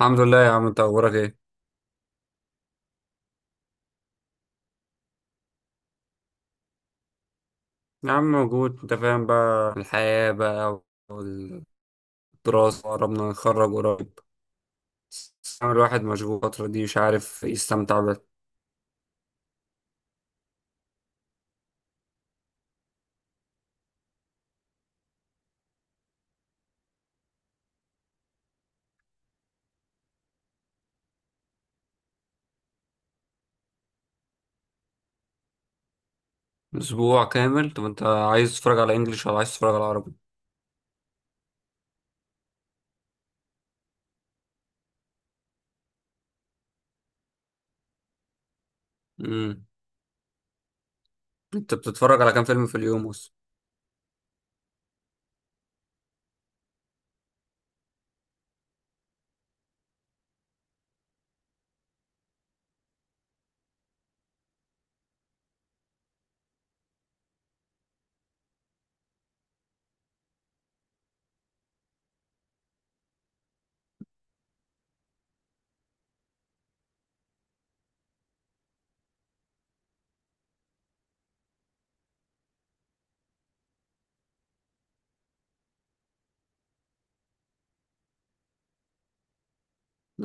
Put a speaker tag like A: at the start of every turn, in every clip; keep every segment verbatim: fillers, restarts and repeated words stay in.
A: الحمد لله يا عم، انت اخبارك ايه؟ يا عم موجود، انت فاهم بقى الحياة بقى والدراسة. قربنا نتخرج قريب، بس عم الواحد مشغول الفترة دي، مش عارف يستمتع بقى. اسبوع كامل؟ طب انت عايز تتفرج على انجليش ولا عايز تتفرج على عربي؟ امم انت بتتفرج على كام فيلم في اليوم اصلا؟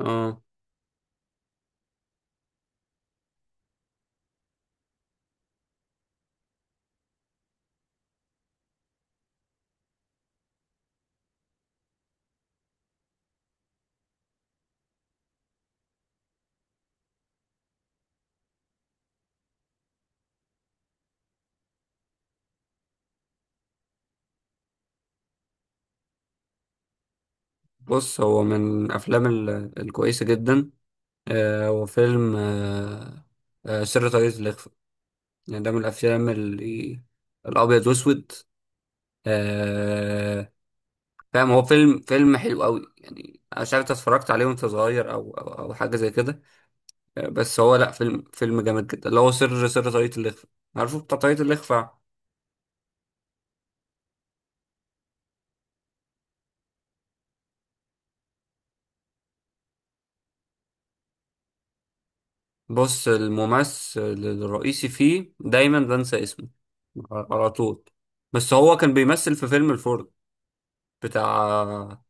A: اه، بص، هو من الافلام ال- الكويسة جدا. آه، هو فيلم، آه، آه، سر طريقة الإخفاء. يعني ده من الافلام اللي الابيض واسود. آه، فاهم، هو فيلم فيلم حلو قوي، يعني انا مش عارف انت اتفرجت عليه وانت صغير او او, أو حاجه زي كده. بس هو، لا، فيلم فيلم جامد جدا، اللي هو سر سر طاقية الإخفاء. عارفه بتاع طاقية الإخفاء؟ بص، الممثل الرئيسي فيه دايما بنسى اسمه على طول، بس هو كان بيمثل في فيلم الفرد بتاع.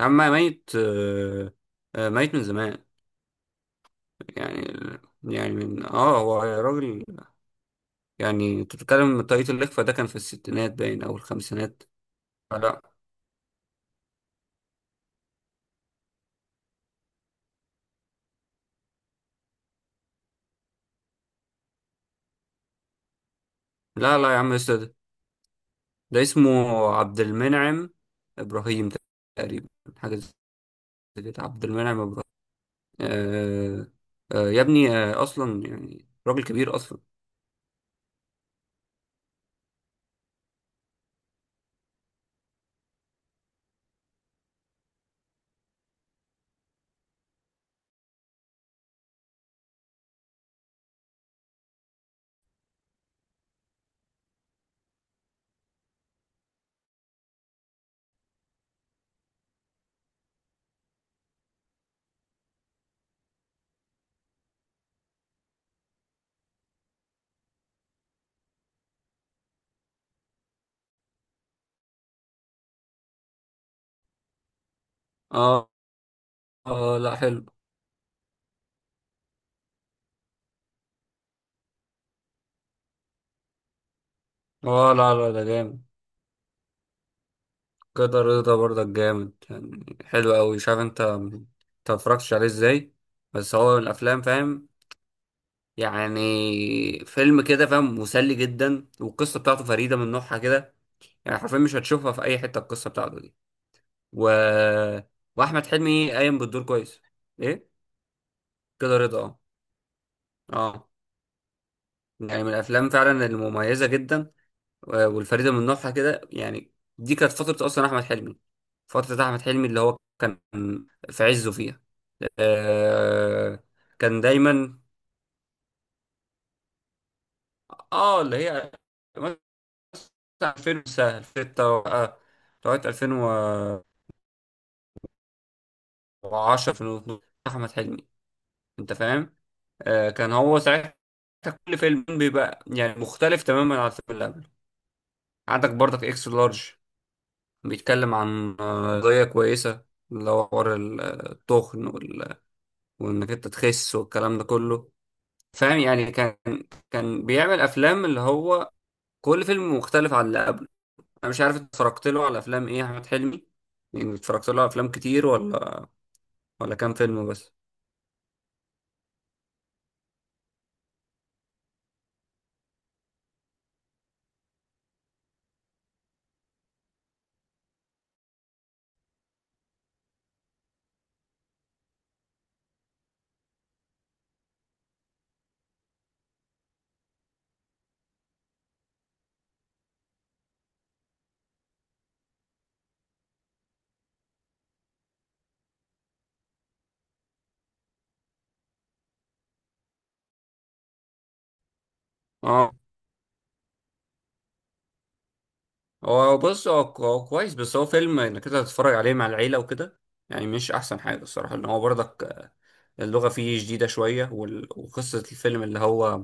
A: يا عم ميت، آه، آه، ميت من زمان. يعني، يعني من اه، هو راجل، يعني انت بتتكلم طاقية الإخفاء ده كان في الستينات باين او الخمسينات. لا لا لا يا عم استاذ، ده اسمه عبد المنعم ابراهيم تقريبا، حاجه زي كده، عبد المنعم ابراهيم. آه، آه يا ابني، آه، اصلا يعني راجل كبير اصلا. اه اه، لا، حلو. اه، لا لا، ده جامد. كده رضا برضك جامد، يعني حلو قوي. شايف؟ انت انت متفرجتش عليه ازاي؟ بس هو من الافلام، فاهم، يعني فيلم كده، فاهم، مسلي جدا والقصه بتاعته فريده من نوعها كده. يعني حرفيا مش هتشوفها في اي حته، القصه بتاعته دي. و... واحمد حلمي قايم بالدور كويس. ايه؟ كده رضا. اه اه، يعني من الافلام فعلا المميزه جدا و- والفريده من نوعها كده يعني. دي كانت فتره اصلا احمد حلمي، فتره احمد حلمي اللي هو كان في عزه فيها. آه، كان دايما، اه اللي هي مثلا 2006 ألفين وستة لغايه ألفين وعشرة، ألفين واتناشر، احمد حلمي، انت فاهم؟ آه، كان هو ساعتها كل فيلم بيبقى يعني مختلف تماما عن الفيلم اللي قبله. عندك برضك اكس لارج، بيتكلم عن آه، قضية كويسة اللي هو حوار ال- آه، التخن وال- وانك انت تخس والكلام ده كله. فاهم يعني؟ كان، كان بيعمل افلام اللي هو كل فيلم مختلف عن اللي قبله. انا مش عارف انت اتفرجت له على افلام ايه يا احمد حلمي، يعني اتفرجت له على افلام كتير ولا، ولا كام فيلم بس؟ اه، هو بص، هو هو كويس، بس هو فيلم انك انت تتفرج عليه مع العيلة وكده. يعني مش احسن حاجة الصراحة، ان هو برضك اللغة فيه جديدة شوية وال- وقصة الفيلم اللي هو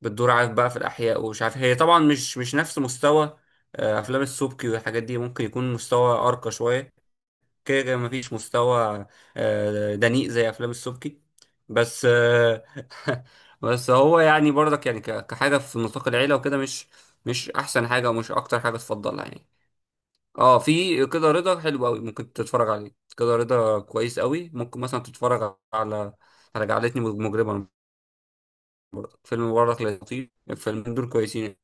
A: بتدور، عارف بقى، في الاحياء، ومش عارف هي طبعا، مش مش نفس مستوى آه، افلام السبكي والحاجات دي. ممكن يكون مستوى ارقى شوية، كده كده مفيش مستوى آه، دنيء زي افلام السبكي، بس آه، بس هو يعني برضك يعني ك- كحاجة في نطاق العيلة وكده، مش مش احسن حاجة ومش اكتر حاجة تفضلها يعني. اه، في كده رضا حلو قوي ممكن تتفرج عليه. كده رضا كويس قوي. ممكن مثلا تتفرج على، على جعلتني مجرما، برضه فيلم مبارك لطيف. الفيلمين دول كويسين.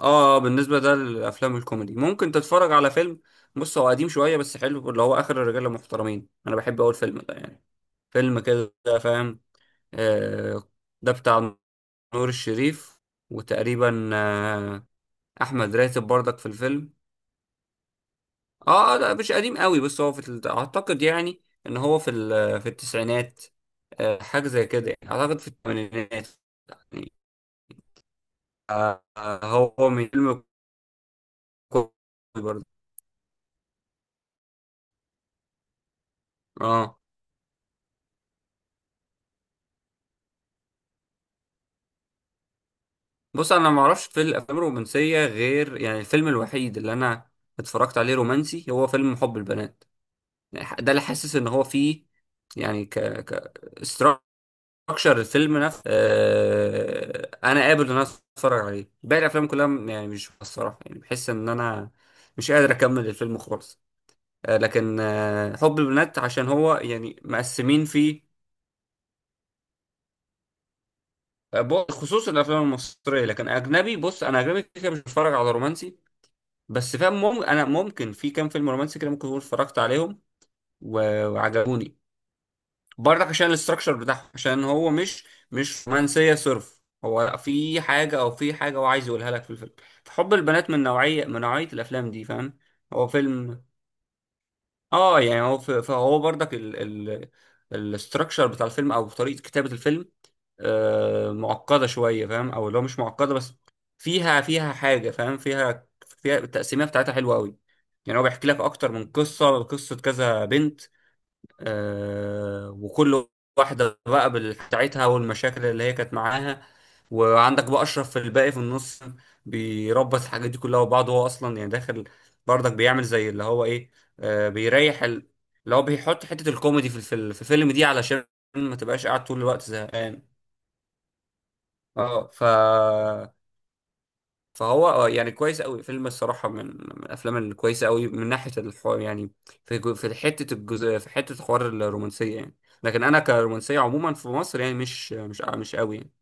A: اه آه، بالنسبه ده للافلام الكوميدي. ممكن تتفرج على فيلم، بص هو قديم شويه بس حلو، اللي هو اخر الرجاله المحترمين. انا بحب اول فيلم ده يعني، فيلم كده، فاهم. آه، ده بتاع نور الشريف، وتقريبا آه، احمد راتب برضك في الفيلم. اه، آه، لا مش قديم قوي، بس هو في ال- اعتقد يعني ان هو في ال- في التسعينات، آه، حاجه زي كده يعني. اعتقد في الثمانينات يعني. آه، آه، هو من فيلم كوري برضه. اه بص، انا ما اعرفش في الافلام الرومانسيه غير يعني الفيلم الوحيد اللي انا اتفرجت عليه رومانسي، هو فيلم حب البنات. يعني ده اللي حاسس ان هو فيه يعني ك ك اكشر الفيلم نفسه آه، انا قابل ان انا اتفرج عليه، باقي الافلام كلها م- يعني مش، الصراحه يعني بحس ان انا مش قادر اكمل الفيلم خالص. آه، لكن آه، حب البنات عشان هو يعني مقسمين فيه. آه، ب- خصوصا الافلام المصريه، لكن اجنبي، بص انا اجنبي كده كده مش بتفرج على رومانسي، بس فاهم. مم... انا ممكن في كام فيلم رومانسي كده ممكن اكون اتفرجت عليهم و- وعجبوني، برضك عشان الاستراكشر بتاعهم، عشان هو مش، مش رومانسيه صرف، هو في حاجه، او في حاجه هو عايز يقولها لك في الفيلم. فحب البنات من نوعيه، من نوعيه الافلام دي، فاهم؟ هو فيلم، اه يعني هو ف- فهو برضك ال ال الاستراكشر بتاع الفيلم او طريقه كتابه الفيلم آه معقده شويه، فاهم، او لو مش معقده بس فيها، فيها حاجه، فاهم، فيها، فيها التقسيميه بتاعتها حلوه قوي. يعني هو بيحكي لك اكتر من قصه، قصه كذا بنت، آه، وكل واحدة بقى بال- بتاعتها والمشاكل اللي هي كانت معاها، وعندك بقى أشرف في الباقي في النص، بيربط الحاجات دي كلها وبعض. هو أصلا يعني داخل برضك بيعمل زي اللي هو إيه، آه، بيريح ال- اللي هو بيحط حتة الكوميدي في الفيلم، في الفيلم دي، علشان ما تبقاش قاعد طول الوقت زهقان. اه، ف فهو آه، يعني كويس قوي فيلم الصراحه، من من الافلام الكويسه قوي من ناحيه الحوار يعني، في جو- في حته الجزء، في حته حوار الرومانسيه يعني. لكن انا كرومانسيه عموما في مصر يعني مش مش مش قوي يعني.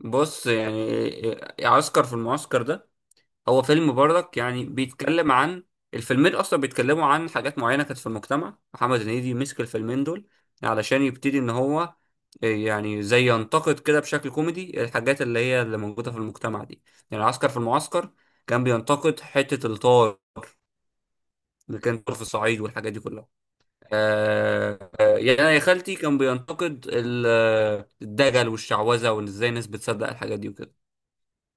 A: بص يعني آه، عسكر في المعسكر ده، هو فيلم برضك يعني بيتكلم عن، الفيلمين اصلا بيتكلموا عن حاجات معينه كانت في المجتمع، محمد هنيدي مسك الفيلمين دول علشان يبتدي ان هو إيه، يعني زي ينتقد كده بشكل كوميدي الحاجات اللي هي اللي موجوده في المجتمع دي. يعني عسكر في المعسكر كان بينتقد حته الطار اللي كان في الصعيد والحاجات دي كلها. آه، آه، يعني أنا يا خالتي كان بينتقد ال- آه، الدجل والشعوذه، وان ازاي الناس بتصدق الحاجات دي وكده.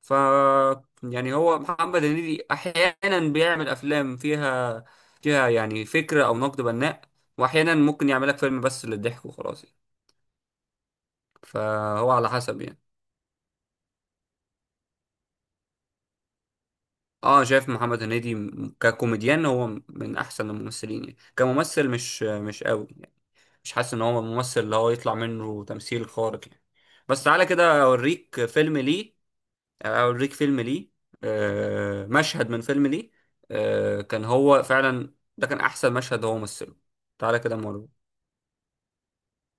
A: ف يعني هو محمد هنيدي احيانا بيعمل افلام فيها، فيها يعني فكره او نقد بناء، واحيانا ممكن يعمل لك فيلم بس للضحك وخلاص يعني. فهو على حسب يعني. اه، شايف محمد هنيدي م- ككوميديان هو من احسن الممثلين، يعني كممثل مش مش قوي يعني، مش حاسس ان هو ممثل اللي هو يطلع منه تمثيل خارق يعني. بس تعالى كده اوريك فيلم ليه، اوريك فيلم ليه، آه، مشهد من فيلم ليه. آه، كان هو فعلا ده كان احسن مشهد هو مثله. تعالى كده مرة.